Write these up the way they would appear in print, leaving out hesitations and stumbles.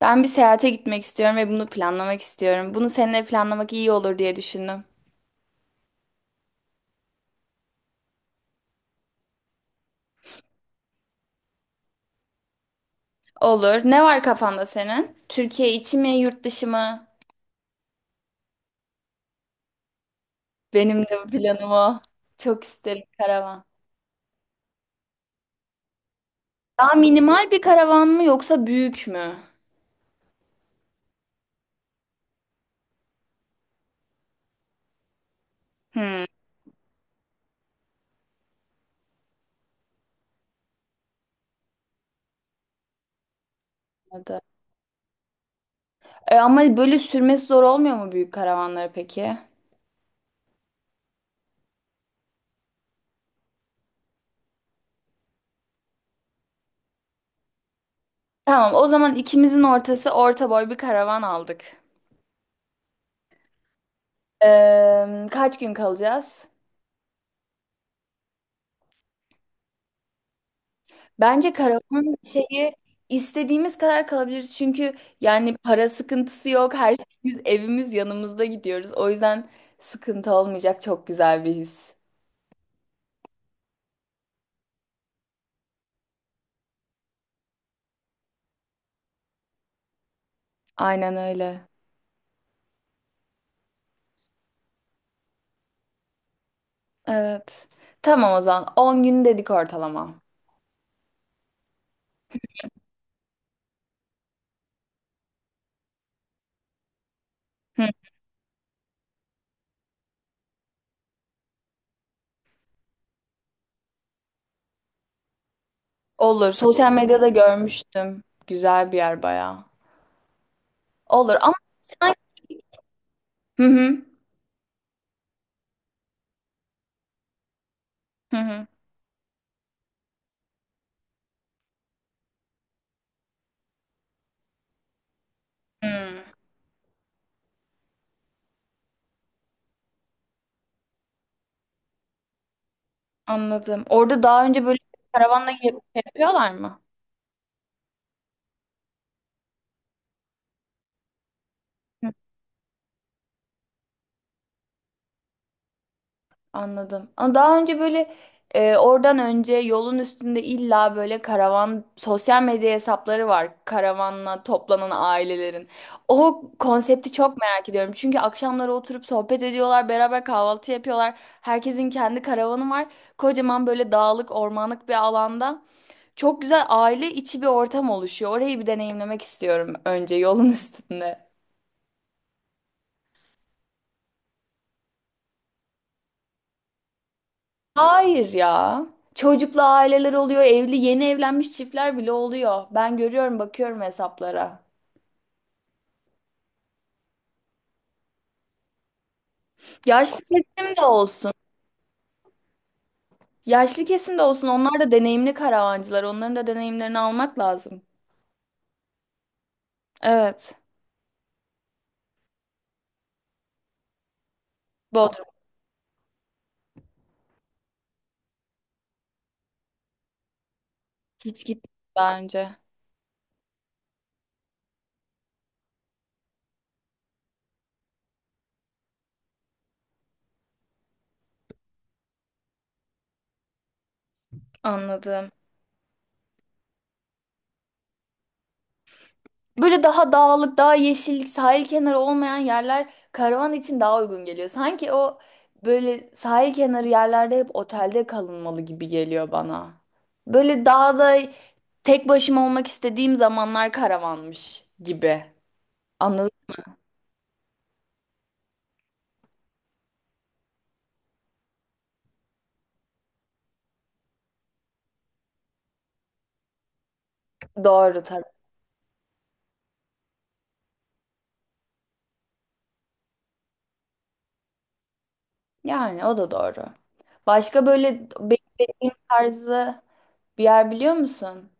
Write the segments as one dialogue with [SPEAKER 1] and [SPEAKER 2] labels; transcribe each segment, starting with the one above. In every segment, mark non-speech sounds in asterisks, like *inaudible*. [SPEAKER 1] Ben bir seyahate gitmek istiyorum ve bunu planlamak istiyorum. Bunu seninle planlamak iyi olur diye düşündüm. Olur. Ne var kafanda senin? Türkiye içi mi, yurt dışı mı? Benim de planım o. Çok isterim karavan. Daha minimal bir karavan mı yoksa büyük mü? Hmm. Anladım. Ama böyle sürmesi zor olmuyor mu büyük karavanları peki? Tamam, o zaman ikimizin ortası orta boy bir karavan aldık. Kaç gün kalacağız? Bence karavanın şeyi istediğimiz kadar kalabiliriz. Çünkü yani para sıkıntısı yok. Her şeyimiz evimiz yanımızda gidiyoruz. O yüzden sıkıntı olmayacak, çok güzel bir his. Aynen öyle. Evet. Tamam o zaman. 10 gün dedik ortalama. Hı, olur. Sosyal medyada görmüştüm. Güzel bir yer bayağı. Olur ama sen. Hı hı. Hı hı. Hı, anladım. Orada daha önce böyle karavanla gidip şey yapıyorlar mı? Anladım. Ama daha önce böyle oradan önce yolun üstünde illa böyle karavan sosyal medya hesapları var. Karavanla toplanan ailelerin. O konsepti çok merak ediyorum. Çünkü akşamları oturup sohbet ediyorlar, beraber kahvaltı yapıyorlar. Herkesin kendi karavanı var. Kocaman böyle dağlık, ormanlık bir alanda. Çok güzel aile içi bir ortam oluşuyor. Orayı bir deneyimlemek istiyorum önce yolun *laughs* üstünde. Hayır ya. Çocuklu aileler oluyor, evli yeni evlenmiş çiftler bile oluyor. Ben görüyorum, bakıyorum hesaplara. Yaşlı kesim de olsun. Yaşlı kesim de olsun. Onlar da deneyimli karavancılar. Onların da deneyimlerini almak lazım. Evet. Bodrum. Hiç gitmedim daha önce. Anladım. Böyle daha dağlık, daha yeşillik, sahil kenarı olmayan yerler karavan için daha uygun geliyor. Sanki o böyle sahil kenarı yerlerde hep otelde kalınmalı gibi geliyor bana. Böyle dağda tek başıma olmak istediğim zamanlar karavanmış gibi. Anladın mı? Doğru tabii. Yani o da doğru. Başka böyle beklediğim tarzı bir yer biliyor musun?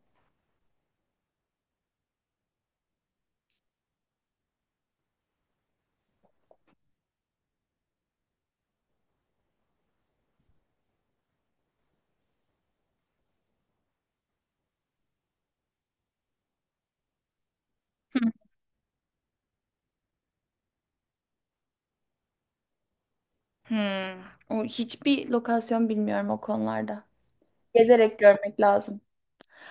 [SPEAKER 1] Hmm. O hiçbir lokasyon bilmiyorum o konularda. Gezerek görmek lazım.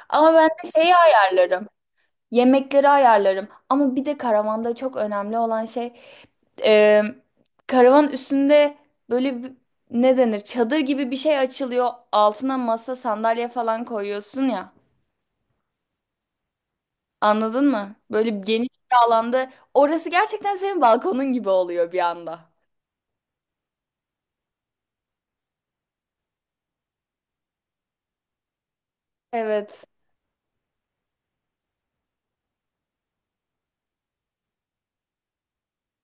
[SPEAKER 1] Ama ben de şeyi ayarlarım. Yemekleri ayarlarım. Ama bir de karavanda çok önemli olan şey e, karavan üstünde böyle ne denir? Çadır gibi bir şey açılıyor. Altına masa, sandalye falan koyuyorsun ya. Anladın mı? Böyle geniş bir alanda. Orası gerçekten senin balkonun gibi oluyor bir anda. Evet.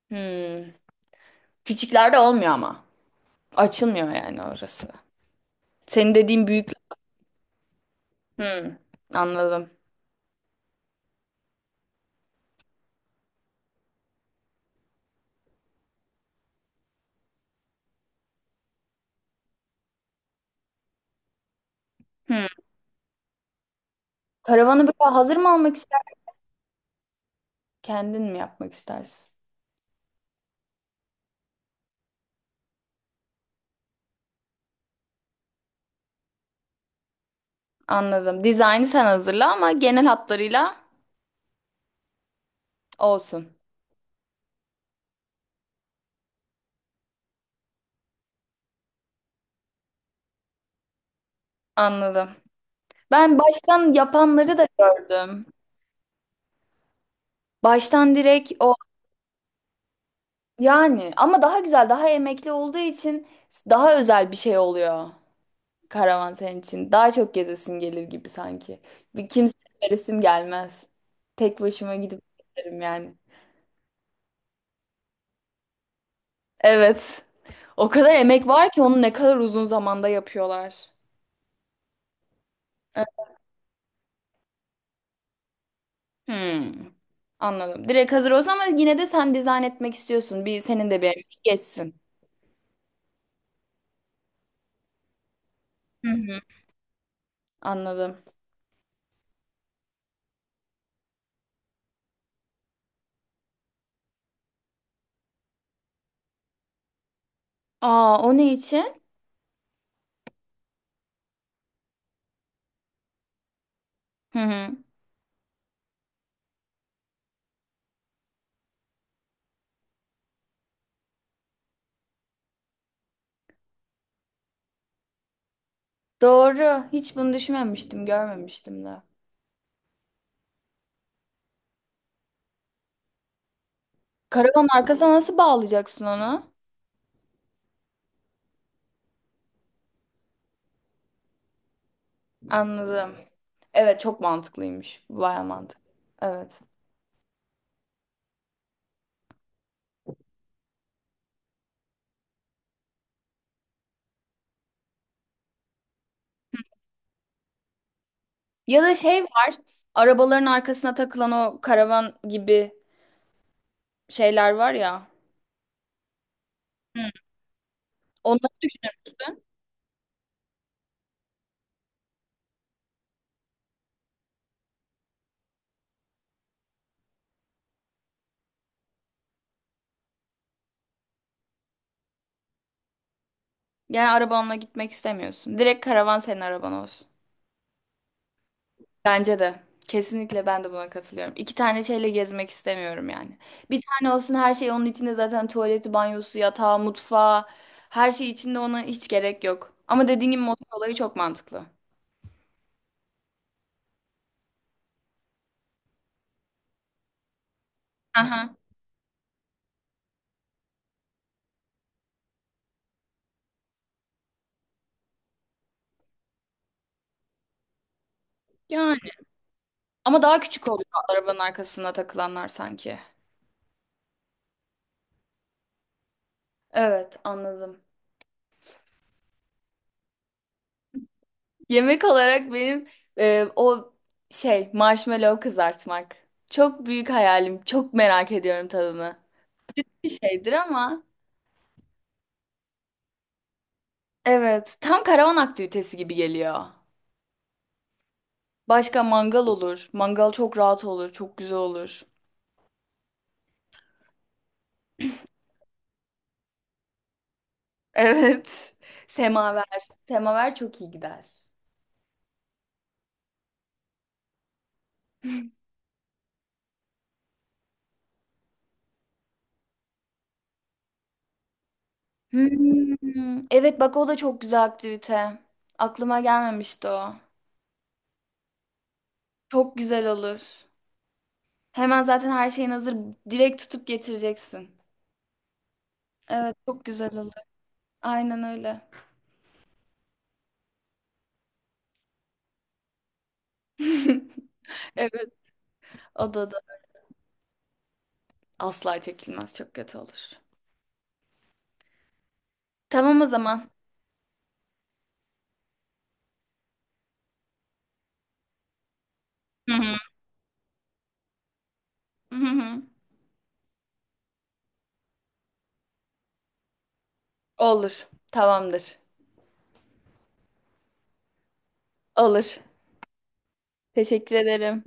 [SPEAKER 1] Hmm. Küçüklerde olmuyor ama. Açılmıyor yani orası. Senin dediğin büyük. Hmm. Anladım. Hmm. Karavanı böyle hazır mı almak, kendin mi yapmak istersin? Anladım. Dizaynı sen hazırla ama genel hatlarıyla olsun. Anladım. Ben baştan yapanları da gördüm. Baştan direkt o yani, ama daha güzel, daha emekli olduğu için daha özel bir şey oluyor karavan senin için. Daha çok gezesin gelir gibi sanki. Bir kimseye resim gelmez. Tek başıma gidip gezerim yani. Evet. O kadar emek var ki onu ne kadar uzun zamanda yapıyorlar. Evet. Hmm. Anladım. Direkt hazır olsun ama yine de sen dizayn etmek istiyorsun. Bir senin de bir emeğin geçsin. Hı hı. Anladım. Aa o ne için? Hı hı. Doğru. Hiç bunu düşünmemiştim, görmemiştim de. Karavan arkasına nasıl bağlayacaksın onu? Anladım. Evet çok mantıklıymış. Baya mantıklı. Evet. Ya da şey var. Arabaların arkasına takılan o karavan gibi şeyler var ya. Hı. Onları düşünür müsün? Yani arabanla gitmek istemiyorsun. Direkt karavan senin araban olsun. Bence de. Kesinlikle ben de buna katılıyorum. İki tane şeyle gezmek istemiyorum yani. Bir tane olsun, her şey onun içinde zaten, tuvaleti, banyosu, yatağı, mutfağı, her şey içinde, ona hiç gerek yok. Ama dediğin gibi motor olayı çok mantıklı. Aha. Yani. Ama daha küçük oluyor arabanın arkasına takılanlar sanki. Evet anladım. Yemek olarak benim e, o şey marshmallow kızartmak. Çok büyük hayalim. Çok merak ediyorum tadını. Bir şeydir ama. Evet, tam karavan aktivitesi gibi geliyor. Başka mangal olur. Mangal çok rahat olur, çok güzel olur. Evet. *laughs* Semaver. Semaver çok iyi gider. Hmm, evet bak o da çok güzel aktivite. Aklıma gelmemişti o. Çok güzel olur. Hemen zaten her şeyin hazır. Direkt tutup getireceksin. Evet çok güzel olur. Aynen öyle. *laughs* Evet. O da da asla çekilmez. Çok kötü olur. Tamam o zaman. Hı hı. Hı hı. Olur. Tamamdır. Olur. Teşekkür ederim.